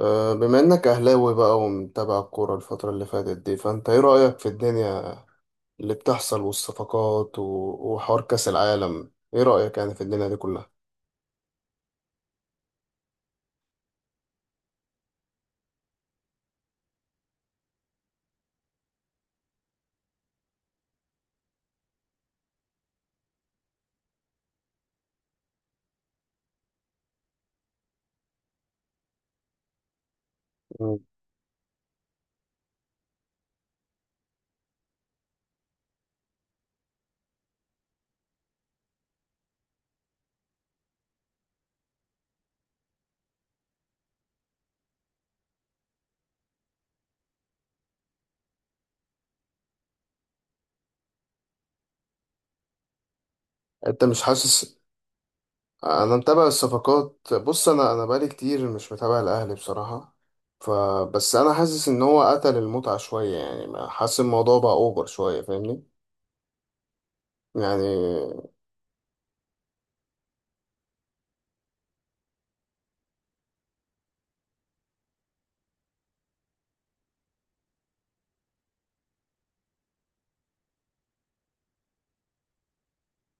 بما انك اهلاوي بقى ومتابع الكوره الفتره اللي فاتت دي، فانت ايه رايك في الدنيا اللي بتحصل والصفقات وحوار كاس العالم؟ ايه رايك يعني في الدنيا دي كلها؟ مم. انت مش حاسس؟ انا متابع الصفقات. بص، انا بقالي كتير مش متابع الاهلي بصراحه، فبس انا حاسس ان هو قتل المتعه شويه. يعني حاسس الموضوع بقى اوفر شويه، فاهمني؟ يعني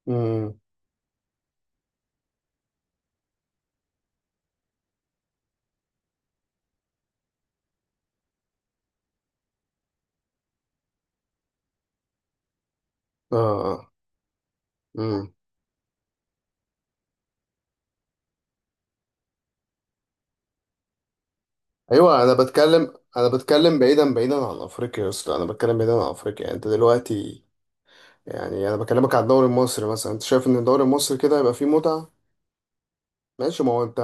امم اه امم ايوه، انا بتكلم بعيدا بعيدا عن افريقيا يا اسطى، انا بتكلم بعيدا عن افريقيا. يعني انت دلوقتي، يعني انا بكلمك على الدوري المصري مثلا، انت شايف ان الدوري المصري كده هيبقى فيه متعه؟ ماشي، ما هو انت،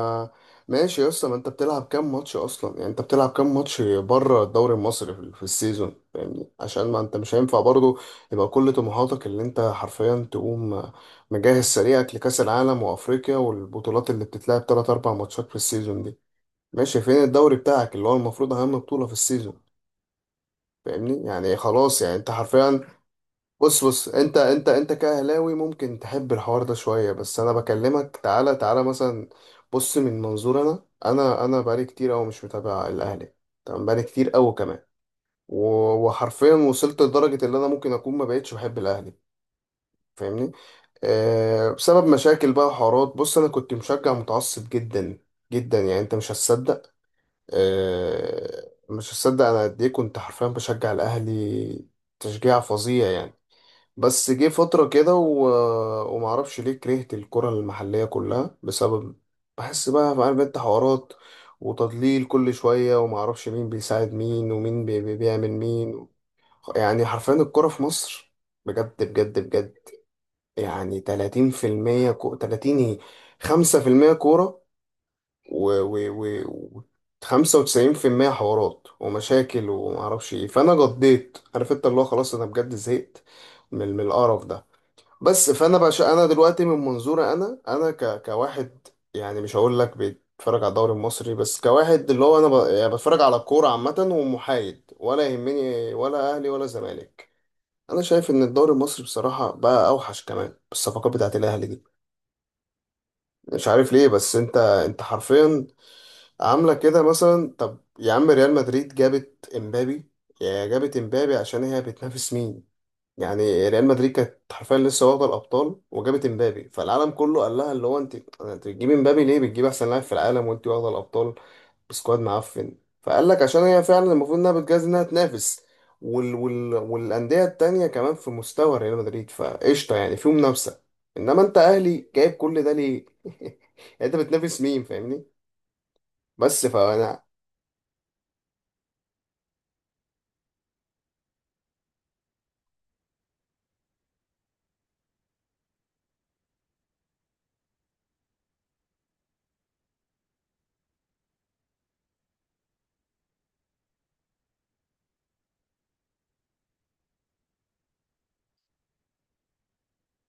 ماشي يا اسطى، ما انت بتلعب كام ماتش اصلا؟ يعني انت بتلعب كام ماتش بره الدوري المصري في السيزون؟ فاهمني؟ عشان ما انت مش هينفع برضو يبقى كل طموحاتك اللي انت حرفيا تقوم مجهز سريعك لكاس العالم وافريقيا والبطولات اللي بتتلعب 3 4 ماتشات في السيزون دي. ماشي، فين الدوري بتاعك اللي هو المفروض اهم بطوله في السيزون؟ فاهمني يعني، خلاص يعني انت حرفيا. بص انت كاهلاوي ممكن تحب الحوار ده شويه، بس انا بكلمك. تعالى تعالى مثلا، بص من منظور، انا بقالي كتير قوي مش متابع الاهلي، تمام؟ بقالي كتير قوي كمان. وحرفيا وصلت لدرجه ان انا ممكن اكون ما بقتش بحب الاهلي، فاهمني؟ آه، بسبب مشاكل بقى وحوارات. بص، انا كنت مشجع متعصب جدا جدا، يعني انت مش هتصدق. آه، مش هصدق انا قد ايه كنت حرفيا بشجع الاهلي تشجيع فظيع يعني. بس جه فترة كده ومعرفش ليه كرهت الكرة المحلية كلها بسبب، بحس بقى، عارف انت، حوارات وتضليل كل شوية، ومعرفش مين بيساعد مين ومين بيعمل مين. يعني حرفيا الكرة في مصر بجد بجد بجد يعني 30%، 30 ايه، 5% كورة و و و 95% حوارات ومشاكل ومعرفش ايه. فانا قضيت، عارف انت، اللي هو خلاص انا بجد زهقت من القرف ده. بس فانا بقى انا دلوقتي من منظوري، انا انا كواحد، يعني مش هقول لك بيتفرج على الدوري المصري، بس كواحد اللي هو انا يعني بتفرج على الكوره عامه ومحايد، ولا يهمني ولا اهلي ولا زمالك. انا شايف ان الدوري المصري بصراحه بقى اوحش كمان بالصفقات بتاعت الاهلي دي، مش عارف ليه. بس انت حرفيا عاملة كده مثلا. طب يا عم، ريال مدريد جابت امبابي، يا جابت امبابي، عشان هي بتنافس مين؟ يعني ريال مدريد كانت حرفيا لسه واخدة الأبطال وجابت امبابي، فالعالم كله قال لها اللي هو انت، انت بتجيبي امبابي ليه؟ بتجيب احسن لاعب في العالم وانت واخدة الأبطال بسكواد معفن. فقال لك عشان هي فعلا المفروض انها بتجهز انها تنافس، والأندية التانية كمان في مستوى ريال مدريد، فقشطة يعني في منافسة. انما انت اهلي، جايب كل ده ليه؟ يعني انت بتنافس مين، فاهمني؟ بس فانا،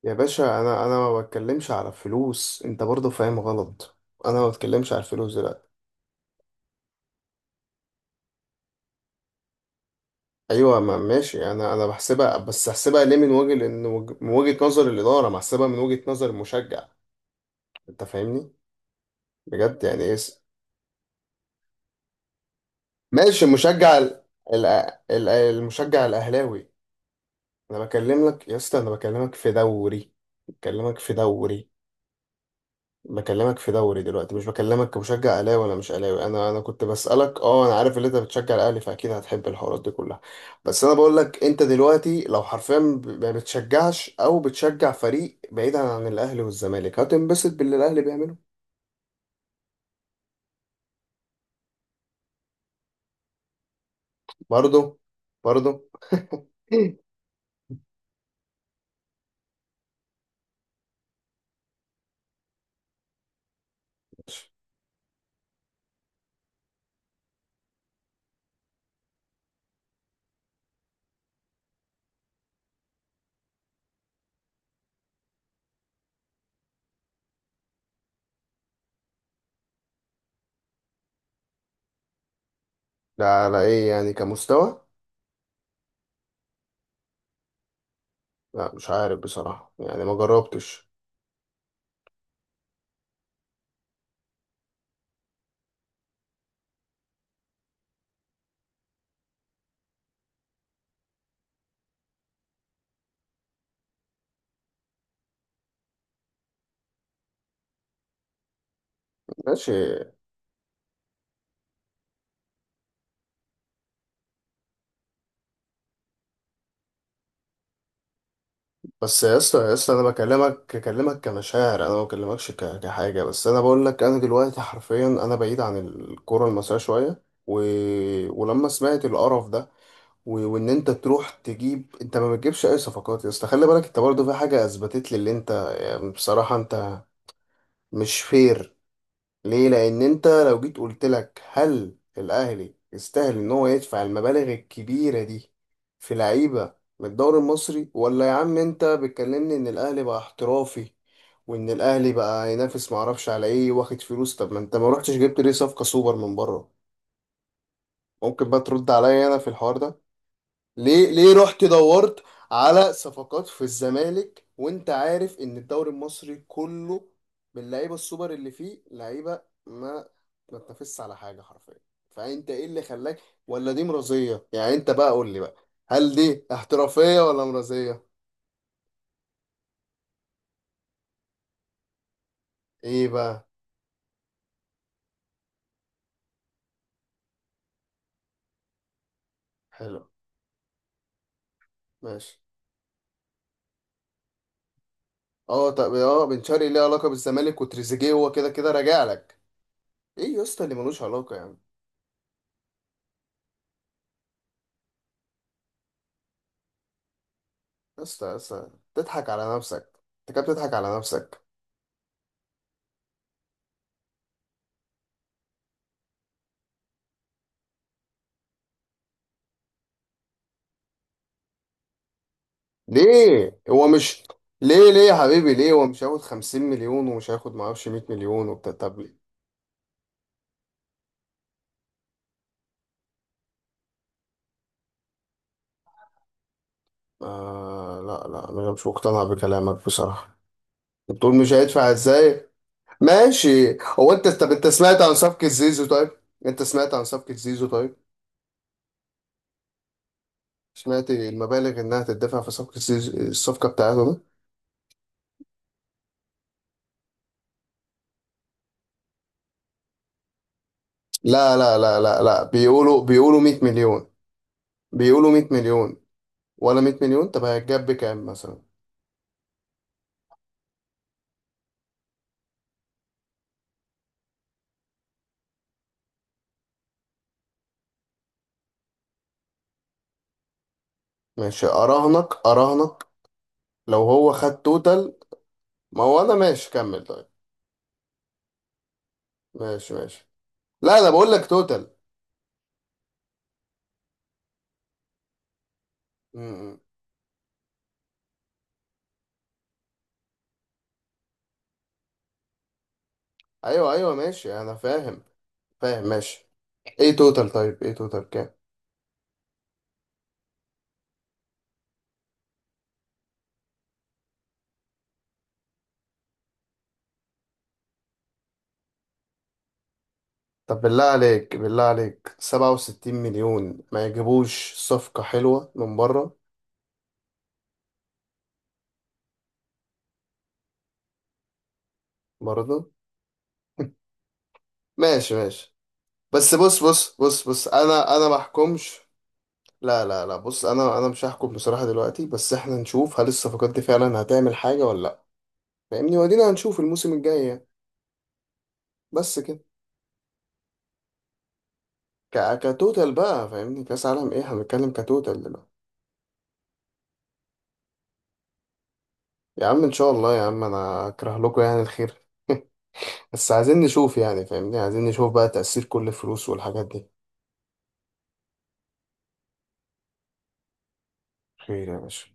يا باشا، انا ما بتكلمش على فلوس، انت برضه فاهم غلط. انا ما بتكلمش على الفلوس دلوقتي. ايوه ما ماشي، انا بحسبها، بس هحسبها ليه من وجه لان من وجهة نظر الاداره؟ ما هحسبها من وجهة نظر المشجع، انت فاهمني؟ بجد يعني ايه ماشي. المشجع ال... ال... ال... المشجع الاهلاوي، انا بكلم لك يا اسطى، انا بكلمك في دوري، بكلمك في دوري بكلمك في دوري دلوقتي، مش بكلمك كمشجع اهلاوي ولا مش اهلاوي. انا كنت بسالك، اه انا عارف ان انت بتشجع الاهلي، فاكيد هتحب الحوارات دي كلها، بس انا بقول لك انت دلوقتي لو حرفيا ما بتشجعش او بتشجع فريق بعيدا عن الاهلي والزمالك، هتنبسط باللي الاهلي بيعمله. برضه. برضه. لا، على ايه يعني؟ كمستوى؟ لا مش عارف بصراحه، يعني ما جربتش. ماشي. بس يا اسطى، يا اسطى، انا بكلمك، بكلمك كمشاعر، انا ما بكلمكش كحاجه. بس انا بقول لك انا دلوقتي حرفيا انا بعيد عن الكوره المصريه شويه، و... ولما سمعت القرف ده، وان انت تروح تجيب، انت ما بتجيبش اي صفقات يا اسطى. خلي بالك، انت برضه في حاجه اثبتت لي اللي انت، يعني بصراحه، انت مش فير. ليه؟ لان انت لو جيت قلت لك هل الاهلي يستاهل ان هو يدفع المبالغ الكبيره دي في لعيبه من الدوري المصري؟ ولا يا عم، انت بتكلمني ان الاهلي بقى احترافي وان الاهلي بقى ينافس معرفش على ايه، واخد فلوس. طب ما انت ما رحتش جبت ليه صفقه سوبر من بره؟ ممكن بقى ترد عليا انا في الحوار ده؟ ليه؟ ليه رحت دورت على صفقات في الزمالك وانت عارف ان الدوري المصري كله باللعيبه السوبر، اللي فيه لعيبه ما تنافسش على حاجه حرفيا؟ فانت ايه اللي خلاك؟ ولا دي مرضيه؟ يعني انت بقى قول لي بقى، هل دي احترافيه ولا مرضيه؟ ايه بقى؟ حلو. ماشي. اه طب، اه بن شرقي ليه علاقه بالزمالك؟ وتريزيجيه هو كده كده راجع لك. ايه يا اسطى اللي ملوش علاقه يا عم؟ يا اسطى، يا اسطى، تضحك على نفسك؟ انت كده بتضحك على نفسك. ليه هو مش، ليه ليه يا حبيبي، ليه هو مش هياخد 50 مليون؟ ومش هياخد معرفش 100 مليون وبتاع؟ طب ليه؟ آه لا لا، انا مش مقتنع بكلامك بصراحة. بتقول مش هيدفع ازاي؟ ماشي. هو انت، طب انت سمعت عن صفقة زيزو طيب؟ انت سمعت عن صفقة زيزو طيب؟ سمعت المبالغ انها تدفع في صفقة زيزو، الصفقة بتاعته دي؟ لا لا لا لا لا، بيقولوا، بيقولوا 100 مليون، بيقولوا 100 مليون، ولا 100 مليون؟ طب هيتجاب بكام مثلا؟ ماشي، اراهنك، اراهنك لو هو خد توتال. ما هو انا ماشي، كمل طيب. ماشي ماشي. لا انا بقول لك توتال. م- م. ايوه ايوه ماشي انا فاهم. فاهم ماشي. ايه توتال طيب؟ ايه توتال كام؟ طب بالله عليك، بالله عليك، 67 مليون ما يجيبوش صفقة حلوة من بره؟ برضه. ماشي ماشي. بس بص بص بص بص، انا ما احكمش. لا لا لا، بص، انا مش هحكم بصراحة دلوقتي، بس احنا نشوف هل الصفقات دي فعلا هتعمل حاجة ولا لا، فاهمني؟ ودينا هنشوف الموسم الجاي يعني. بس كده. كتوتال بقى، فاهمني؟ كاس عالم ايه؟ هنتكلم كتوتال دلوقتي. يا عم، ان شاء الله يا عم، انا اكره لكم يعني الخير؟ بس عايزين نشوف يعني، فاهمني؟ عايزين نشوف بقى تأثير كل الفلوس والحاجات دي. خير يا باشا.